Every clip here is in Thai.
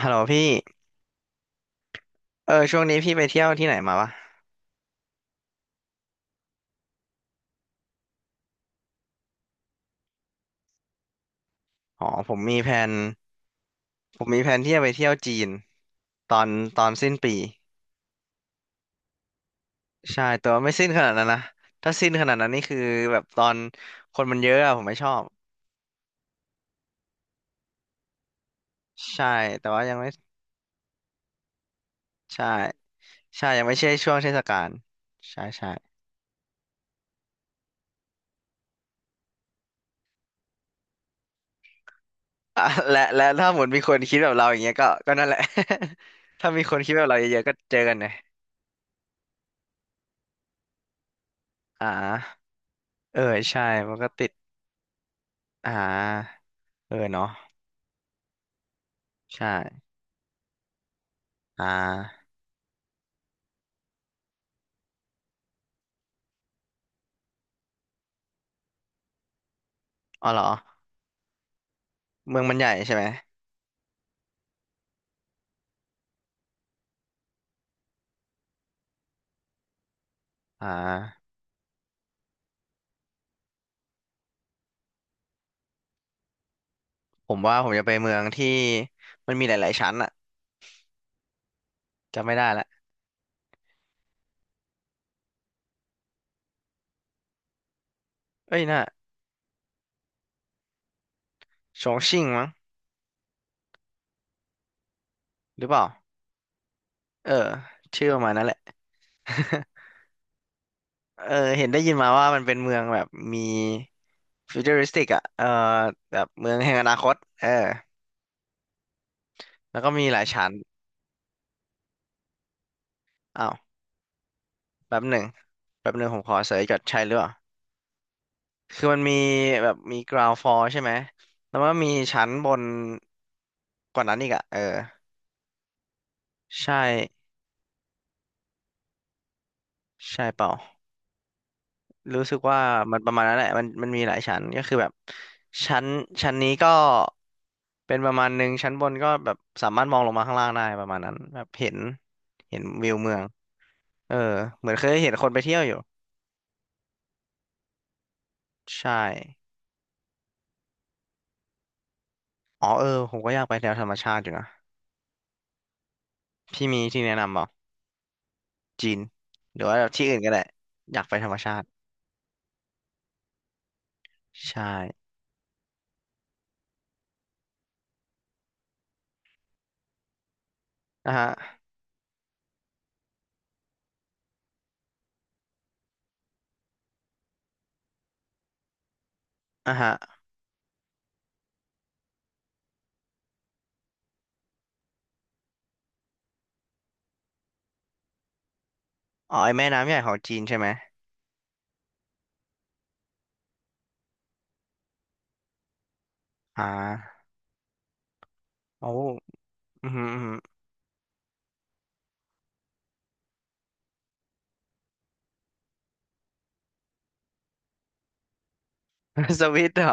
ฮัลโหลพี่เออช่วงนี้พี่ไปเที่ยวที่ไหนมาวะอ๋อผมมีแผนที่จะไปเที่ยวจีนตอนตอนสิ้นปีใช่แต่ว่าไม่สิ้นขนาดนั้นนะถ้าสิ้นขนาดนั้นนี่คือแบบตอนคนมันเยอะอะผมไม่ชอบใช่แต่ว่ายังไม่ใช่ใช่ยังไม่ใช่ช่วงเทศกาลใช่ใช่อ่ะและถ้าหมดมีคนคิดแบบเราอย่างเงี้ยก็นั่นแหละ ถ้ามีคนคิดแบบเราเยอะๆก็เจอกันเนี่ยอ่าเออใช่มันก็ติดอ่าเออเนาะใช่อ่า อ๋อเหรอเมืองมันใหญ่ใช่ไหมอ่าผมว่าผมจะไปเมืองที่มันมีหลายๆชั้นอะจำไม่ได้ละเอ้ยน่ะชงชิ่งมั้งหรือเปล่าเออชื่อประมาณนั้นแหละ เออเห็นได้ยินมาว่ามันเป็นเมืองแบบมีฟิวเจอริสติกอะเออแบบเมืองแห่งอนาคตเออแล้วก็มีหลายชั้นอ้าวแป๊บหนึ่งแป๊บหนึ่งผมขอเสิร์ชก่อนใช่หรือเปล่าคือมันมีแบบมี ground floor ใช่ไหมแล้วมันก็มีชั้นบนกว่านั้นอีกอะเออใช่ใช่เปล่า รู้สึกว่ามันประมาณนั้นแหละมันมีหลายชั้นก็คือแบบชั้นชั้นนี้ก็เป็นประมาณหนึ่งชั้นบนก็แบบสามารถมองลงมาข้างล่างได้ประมาณนั้นแบบเห็นเห็นวิวเมืองเออเหมือนเคยเห็นคนไปเที่ยวอยู่ใช่อ๋อเออผมก็อยากไปแนวธรรมชาติอยู่นะพี่มีที่แนะนำเปล่าจีนหรือว่าที่อื่นก็ได้อยากไปธรรมชาติใช่อ่ะฮะอ่ะฮะอ๋อไอแม่น้ำใหญ่ของจีนใช่ไหมอ่าโอ้อืมอหืม สวิตเหรอ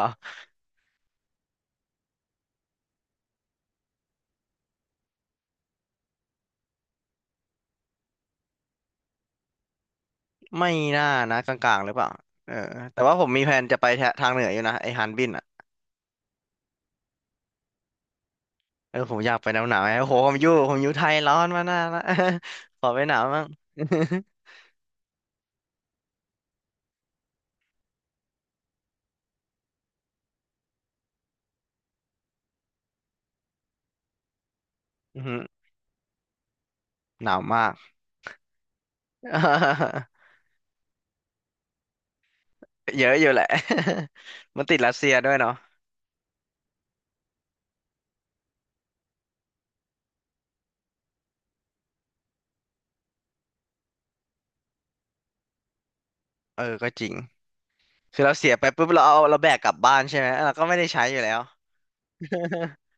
ไม่น่านะกลางๆหรือเปล่าเออแต่ว่าผมมีแผนจะไปแถทางเหนืออยู่นะไอ้ฮันบินอ่ะเออผมอยากไปหนาวหนาวไงโอ้โหผมอยู่ไทยร้อนมานานละ ขอไปหนาวบ้าง อือหือหนาวมาก เยอะอยู่แหละ มันติดรัสเซียด้วยเนาะเออก็จริงคือเราเสียไปปุ๊บเราแบกกลับบ้านใช่ไหมเราก็ไม่ได้ใช้อยู่แล้ว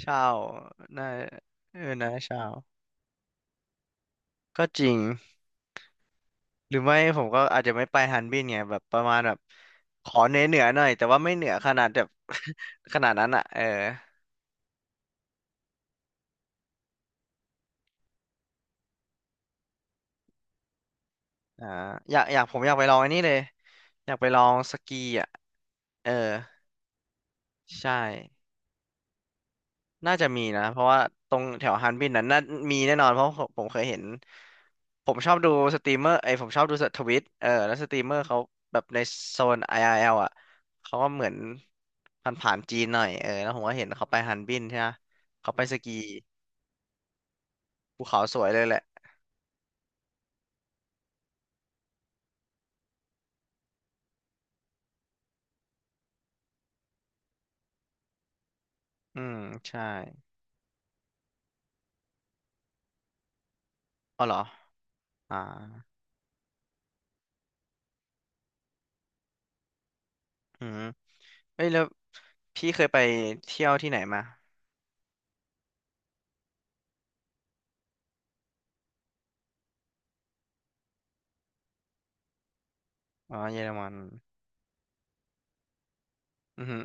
เช่าน่าเออนะเช่าก็จริง หรือไม่ผมก็อาจจะไม่ไปฮันบินไงแบบประมาณแบบขอเหนือเหนือหน่อยแต่ว่าไม่เหนือขนาดแบบ ขนาดนั้นอ่ะเอออ่าอยากอยากผมอยากไปลองอันนี้เลยอยากไปลองสกีอ่ะเออใช่น่าจะมีนะเพราะว่าตรงแถวฮันบินนั้นน่ามีแน่นอนเพราะผมเคยเห็นผมชอบดูสตรีมเมอร์ไอยผมชอบดูทวิตเออแล้วสตรีมเมอร์เขาแบบในโซน i อ l อลอ่ะเขาก็เหมือนผ่านจีนหน่อยเออแล้วผมก็เห็นเขาไปฮันบินใช่ไหมเขาไปสกี ภูเขาสวยเลยแหละอืมใช่อ๋อเหรออ่าอืมเอ้ยแล้วพี่เคยไปเที่ยวที่ไหนมาอ๋อเยอรมันอือฮึ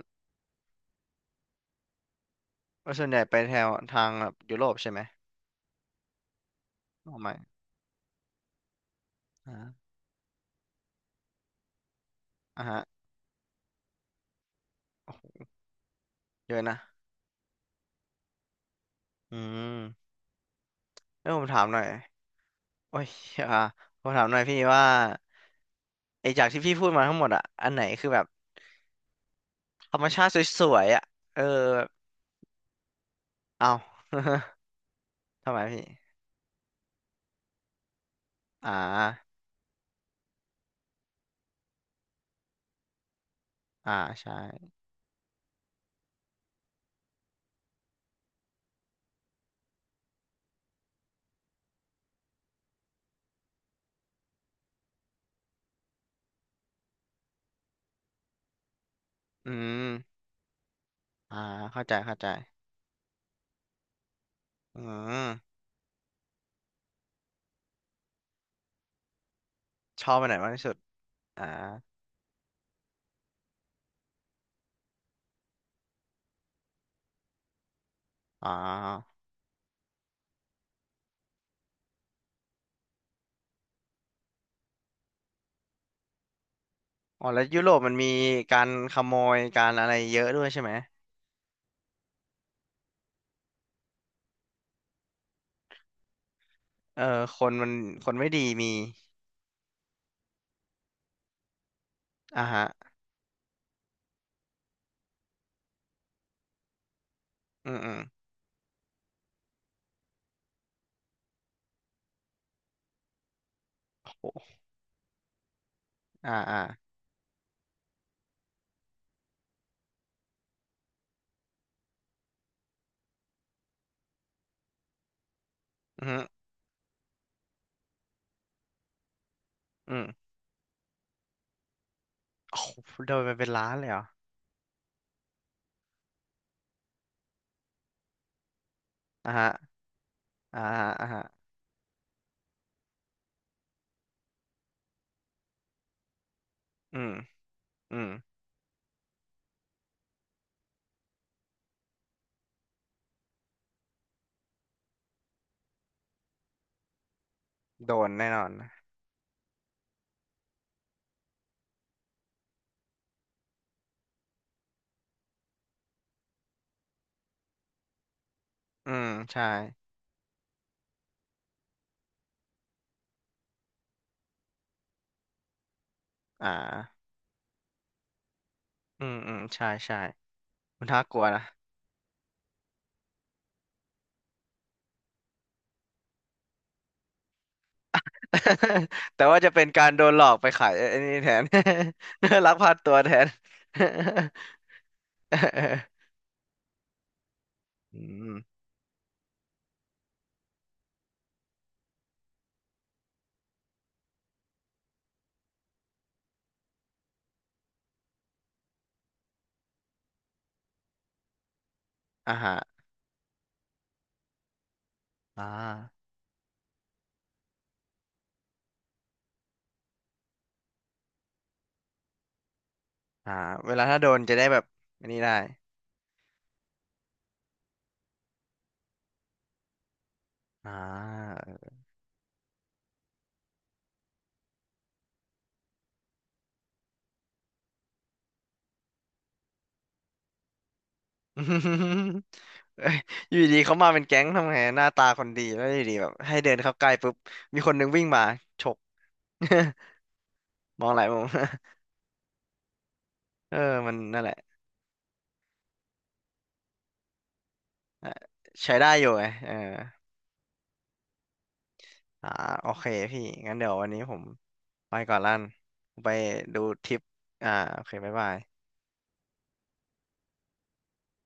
แล้วส่วนใหญ่ไปแถวทางแบบยุโรปใช่ไหมอ๋อไม่อ่าอ่าฮะเยอะนะอืมแล้วผมถามหน่อยโอ้ยอ่าผมถามหน่อยพี่ว่าไอจากที่พี่พูดมาทั้งหมดอะอันไหนคือแบบธรรมชาติสวยๆอะเออเอา ทำไมพี่อ่าอ่าใช่อืมอ่าเข้าใจเข้าใจอืม ชอบไปไหนมากที่สุดอ่าอ๋ออ๋อแล้วยุโรปมันมีการขโมยการอะไรเยอะด้วยใช่ไหมเออคนมันคนไม่ดีมีอ่าฮะอืมอืมโหอ่าอ่าอืมอืมโอ้โหโดนไปเป็นล้านเลยเหรออ่าฮะอ่าฮะอ่าฮะอืมอืมโดนแน่นอน อืมใช่อ่าอืมอืมใช่ ใช่ มันน่ากลัวนะ แต่ว่าจะเป็นการโดนหลอกไปขายไอ้นี่แทน ลักพาตัวแทน เอออืม อ่าฮะอ่าอ่าเวลาถ้าโดนจะได้แบบอันนี้ได้อ่า เอ้ยอยู่ดีๆเขามาเป็นแก๊งทำไงหน้าตาคนดีแล้วอยู่ดีแบบให้เดินเข้าใกล้ปุ๊บมีคนนึงวิ่งมาฉก มองหลายมุม เออมันนั่นแหละใช้ได้อยู่ไงเอออ่าโอเคพี่งั้นเดี๋ยววันนี้ผมไปก่อนลั่นไปดูทริปอ่าโอเคบ๊ายบาย